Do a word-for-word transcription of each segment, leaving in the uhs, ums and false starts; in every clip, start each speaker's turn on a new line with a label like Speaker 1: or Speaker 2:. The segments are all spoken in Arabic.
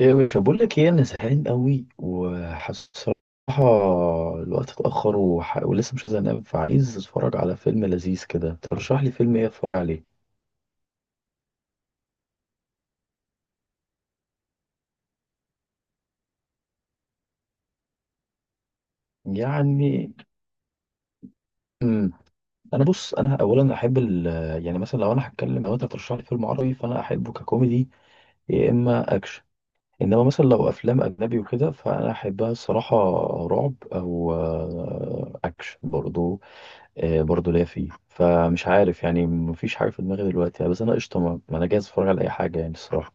Speaker 1: ايه، مش بقول لك ايه، انا زهقان قوي وحاسس الصراحه الوقت اتاخر وح... ولسه مش عايز انام، فعايز اتفرج على فيلم لذيذ كده. ترشح لي فيلم ايه اتفرج عليه؟ يعني امم انا بص، انا اولا احب ال... يعني مثلا لو انا هتكلم لو انت ترشح لي فيلم عربي فانا احبه ككوميدي، يا اما اكشن. انما مثلا لو افلام اجنبي وكده فانا احبها الصراحه، رعب او آه، اكشن برضو. آه، برضه ليا فيه، فمش عارف يعني، مفيش حاجه في دماغي دلوقتي يعني. بس انا قشطه، ما ما انا جاهز اتفرج على اي حاجه يعني الصراحه.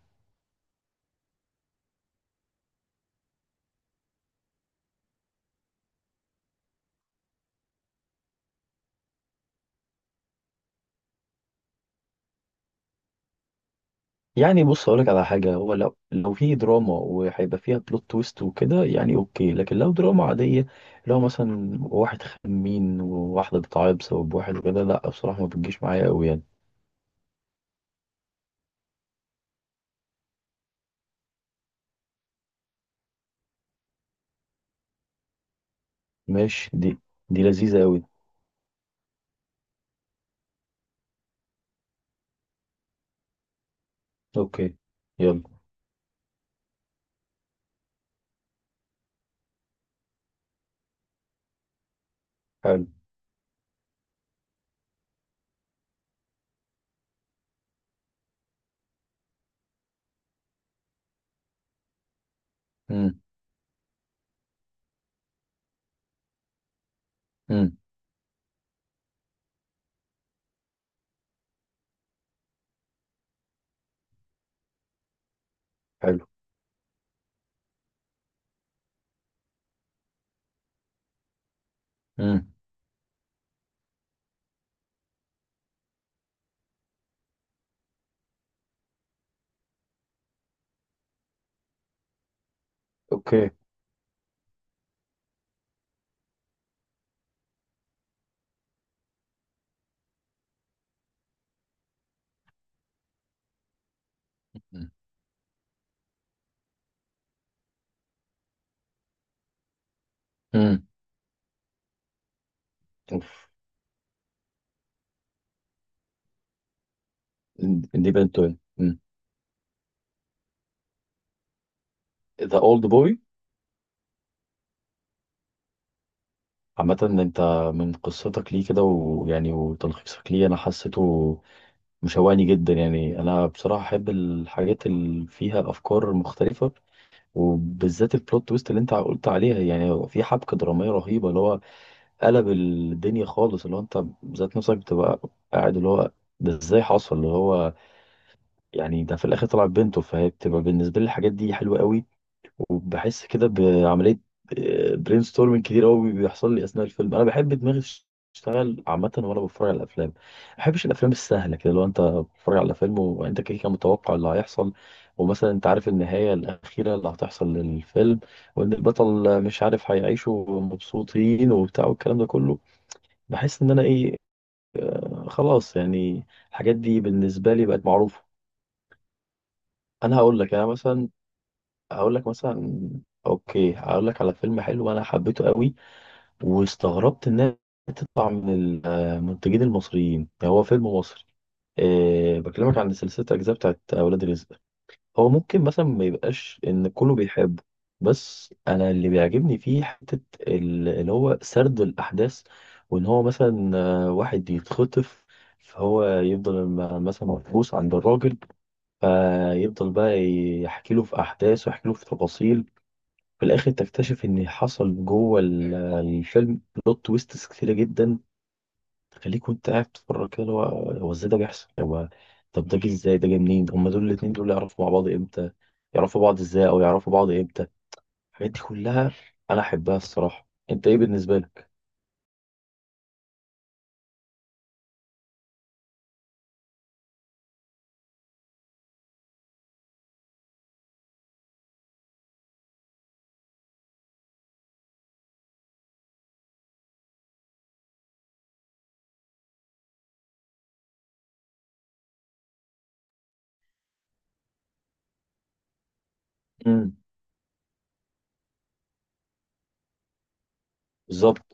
Speaker 1: يعني بص اقول لك على حاجه، هو لو لو في دراما وهيبقى فيها بلوت تويست وكده يعني اوكي، لكن لو دراما عاديه، لو مثلا واحد خمين وواحده بتعيط بسبب واحد وكده، لا بصراحه ما بتجيش معايا قوي يعني. ماشي. دي دي لذيذه قوي. اوكي، يلا. حلو. امم. امم. حلو. امم. اوكي. امم. اوف. دي بنت. ذا اولد بوي. عامة انت، من قصتك ليه كده ويعني وتلخيصك ليه، انا حسيته مشوقني جدا يعني. انا بصراحة احب الحاجات اللي فيها افكار مختلفة، وبالذات البلوت تويست اللي انت قلت عليها. يعني هو في حبكة درامية رهيبة، اللي هو قلب الدنيا خالص، اللي هو انت ذات نفسك بتبقى قاعد اللي هو ده ازاي حصل، اللي هو يعني ده في الاخر طلع بنته. فهي بتبقى بالنسبة لي الحاجات دي حلوة قوي، وبحس كده بعملية برين ستورمنج كتير قوي بيحصل لي أثناء الفيلم. أنا بحب دماغي تشتغل عامة وأنا بتفرج على الأفلام، ما بحبش الأفلام السهلة كده. لو أنت بتتفرج على فيلم وأنت كده كده متوقع اللي هيحصل، ومثلا أنت عارف النهاية الأخيرة اللي هتحصل للفيلم، وإن البطل مش عارف هيعيشوا مبسوطين وبتاع والكلام ده كله، بحس إن أنا إيه، خلاص يعني الحاجات دي بالنسبة لي بقت معروفة. أنا هقول لك، أنا مثلا هقول لك مثلا، اوكي هقول لك على فيلم حلو انا حبيته قوي، واستغربت انها تطلع من المنتجين المصريين. يعني هو فيلم مصري، أه، بكلمك عن سلسلة أجزاء بتاعت أولاد رزق. هو ممكن مثلا ما يبقاش إن كله بيحبه، بس أنا اللي بيعجبني فيه حتة ال- اللي هو سرد الأحداث، وإن هو مثلا آه، واحد يتخطف، فهو يفضل م- مثلا محبوس عند الراجل، فيفضل بقى يحكي له في أحداث ويحكي له في تفاصيل، في الاخر تكتشف ان حصل جوه ال- الفيلم بلوت تويستس كتيره جدا، تخليك وانت قاعد بتتفرج كده اللي هو هو ازاي ده بيحصل، هو طب ده جه ازاي، ده جه منين، هما دول الاتنين دول يعرفوا مع بعض امتى، يعرفوا بعض ازاي او يعرفوا بعض امتى. الحاجات دي كلها انا احبها الصراحه. انت ايه بالنسبه لك؟ امم. بالظبط.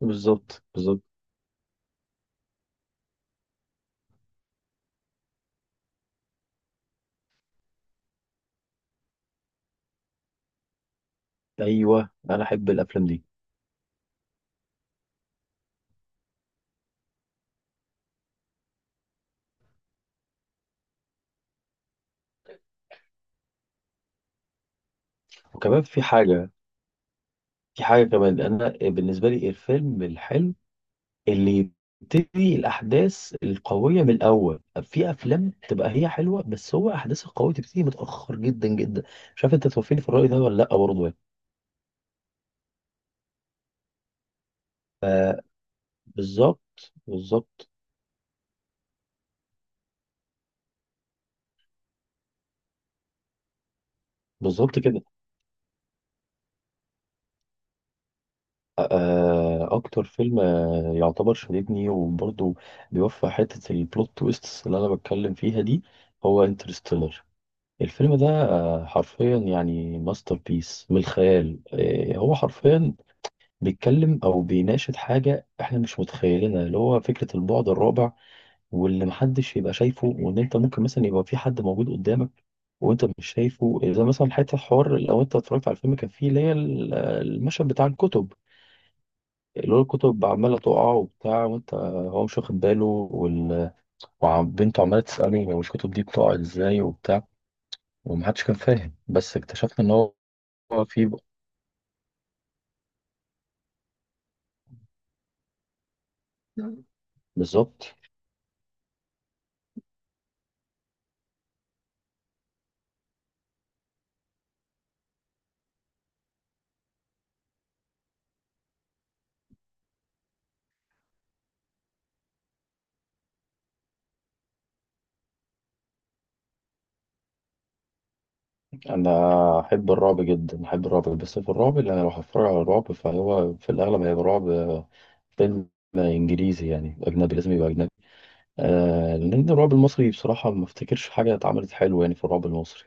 Speaker 1: بالظبط. بالظبط. ايوه انا احب الافلام دي. وكمان في حاجه، في حاجه كمان، انا بالنسبه لي الفيلم الحلو اللي يبتدي الأحداث القوية من الأول. في أفلام تبقى هي حلوة بس هو أحداث القوية تبتدي متأخر جدا جدا. مش عارف أنت توافقني في الرأي ده ولا لأ برضه يعني. فبالظبط. بالظبط. بالظبط. بالظبط كده. آه، أكتر فيلم آه، يعتبر شددني، وبرضه بيوفق حتة البلوت تويست اللي أنا بتكلم فيها دي، هو انترستيلر. الفيلم ده آه، حرفيا يعني ماستر بيس من الخيال. آه، هو حرفيا بيتكلم او بيناقش حاجه احنا مش متخيلينها، اللي هو فكره البعد الرابع، واللي محدش يبقى شايفه، وان انت ممكن مثلا يبقى في حد موجود قدامك وانت مش شايفه. اذا مثلا حته حوار، لو انت اتفرجت على الفيلم كان فيه اللي هي ال- المشهد بتاع الكتب، اللي هو الكتب عماله تقع وبتاع وانت هو مش واخد باله وال... وبنته عماله تساله هو الكتب دي بتقع ازاي وبتاع، ومحدش كان فاهم، بس اكتشفنا ان هو هو في. بالظبط. انا احب الرعب جدا، احب الرعب، بس في الرعب اللي انا لو هتفرج على الرعب فهو في الاغلب هيبقى رعب آه، فيلم انجليزي يعني اجنبي، لازم يبقى اجنبي، آه لان الرعب المصري بصراحه ما افتكرش حاجه اتعملت حلوه يعني في الرعب المصري.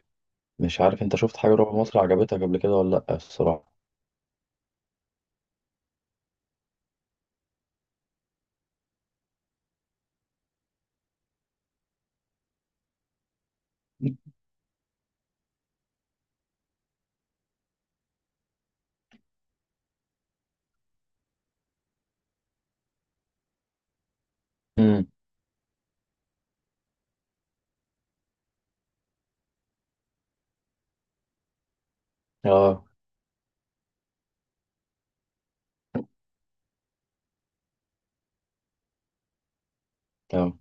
Speaker 1: مش عارف انت شفت حاجه رعب مصري عجبتك قبل كده ولا لا الصراحه؟ امم. اه. اه.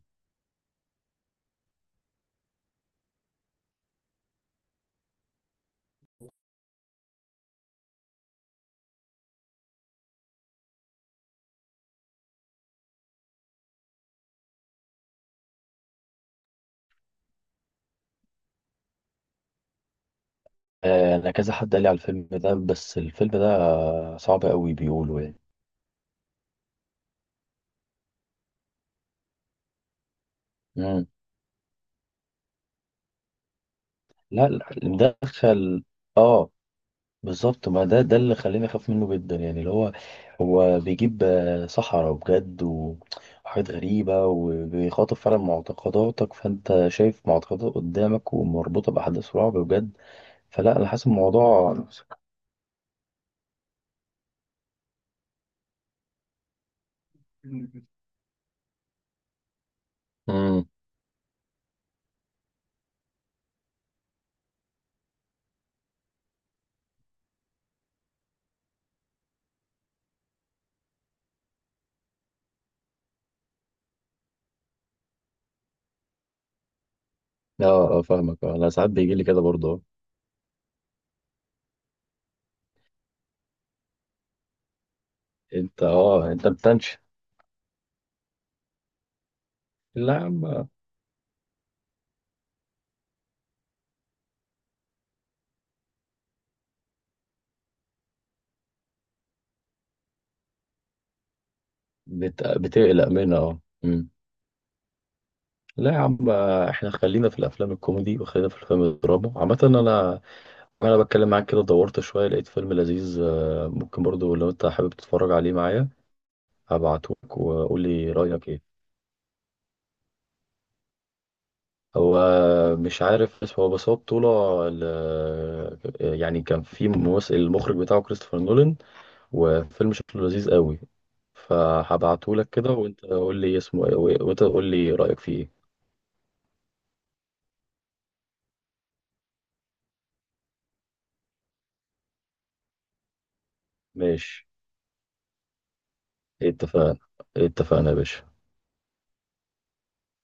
Speaker 1: آه، انا كذا حد قال لي على الفيلم ده، بس الفيلم ده صعب قوي بيقولوا يعني. امم. لا لا، مدخل. اه. بالظبط، ما ده ده اللي خليني اخاف منه جدا يعني، اللي هو هو بيجيب آه، سحرة بجد و- وحاجات غريبة، وبيخاطب فعلا معتقداتك، فانت شايف معتقدات قدامك ومربوطة بأحداث رعب بجد. فلا انا حاسس الموضوع. امم. اه. اه، فاهمك. آه، انا ساعات بيجي لي كده برضه آه. انت اه انت بتنش. لا يا عم. بت... بتقلق منها، اه. أمم. لا يا عم. آه، احنا خلينا في الافلام الكوميدي وخلينا في الافلام الدراما. عامة انا، انا بتكلم معاك كده، دورت شويه لقيت فيلم لذيذ آه، ممكن برضو لو انت حابب تتفرج عليه معايا، هبعتهولك وقول لي رايك ايه. هو آه، مش عارف اسمه، بس هو بطوله ل- يعني كان في ممثل، المخرج بتاعه كريستوفر نولان، وفيلم شكله لذيذ قوي، فهبعتهولك كده وانت قول لي اسمه ايه، وانت قول لي رايك فيه ايه. ماشي، اتفقنا. اتفقنا يا باشا.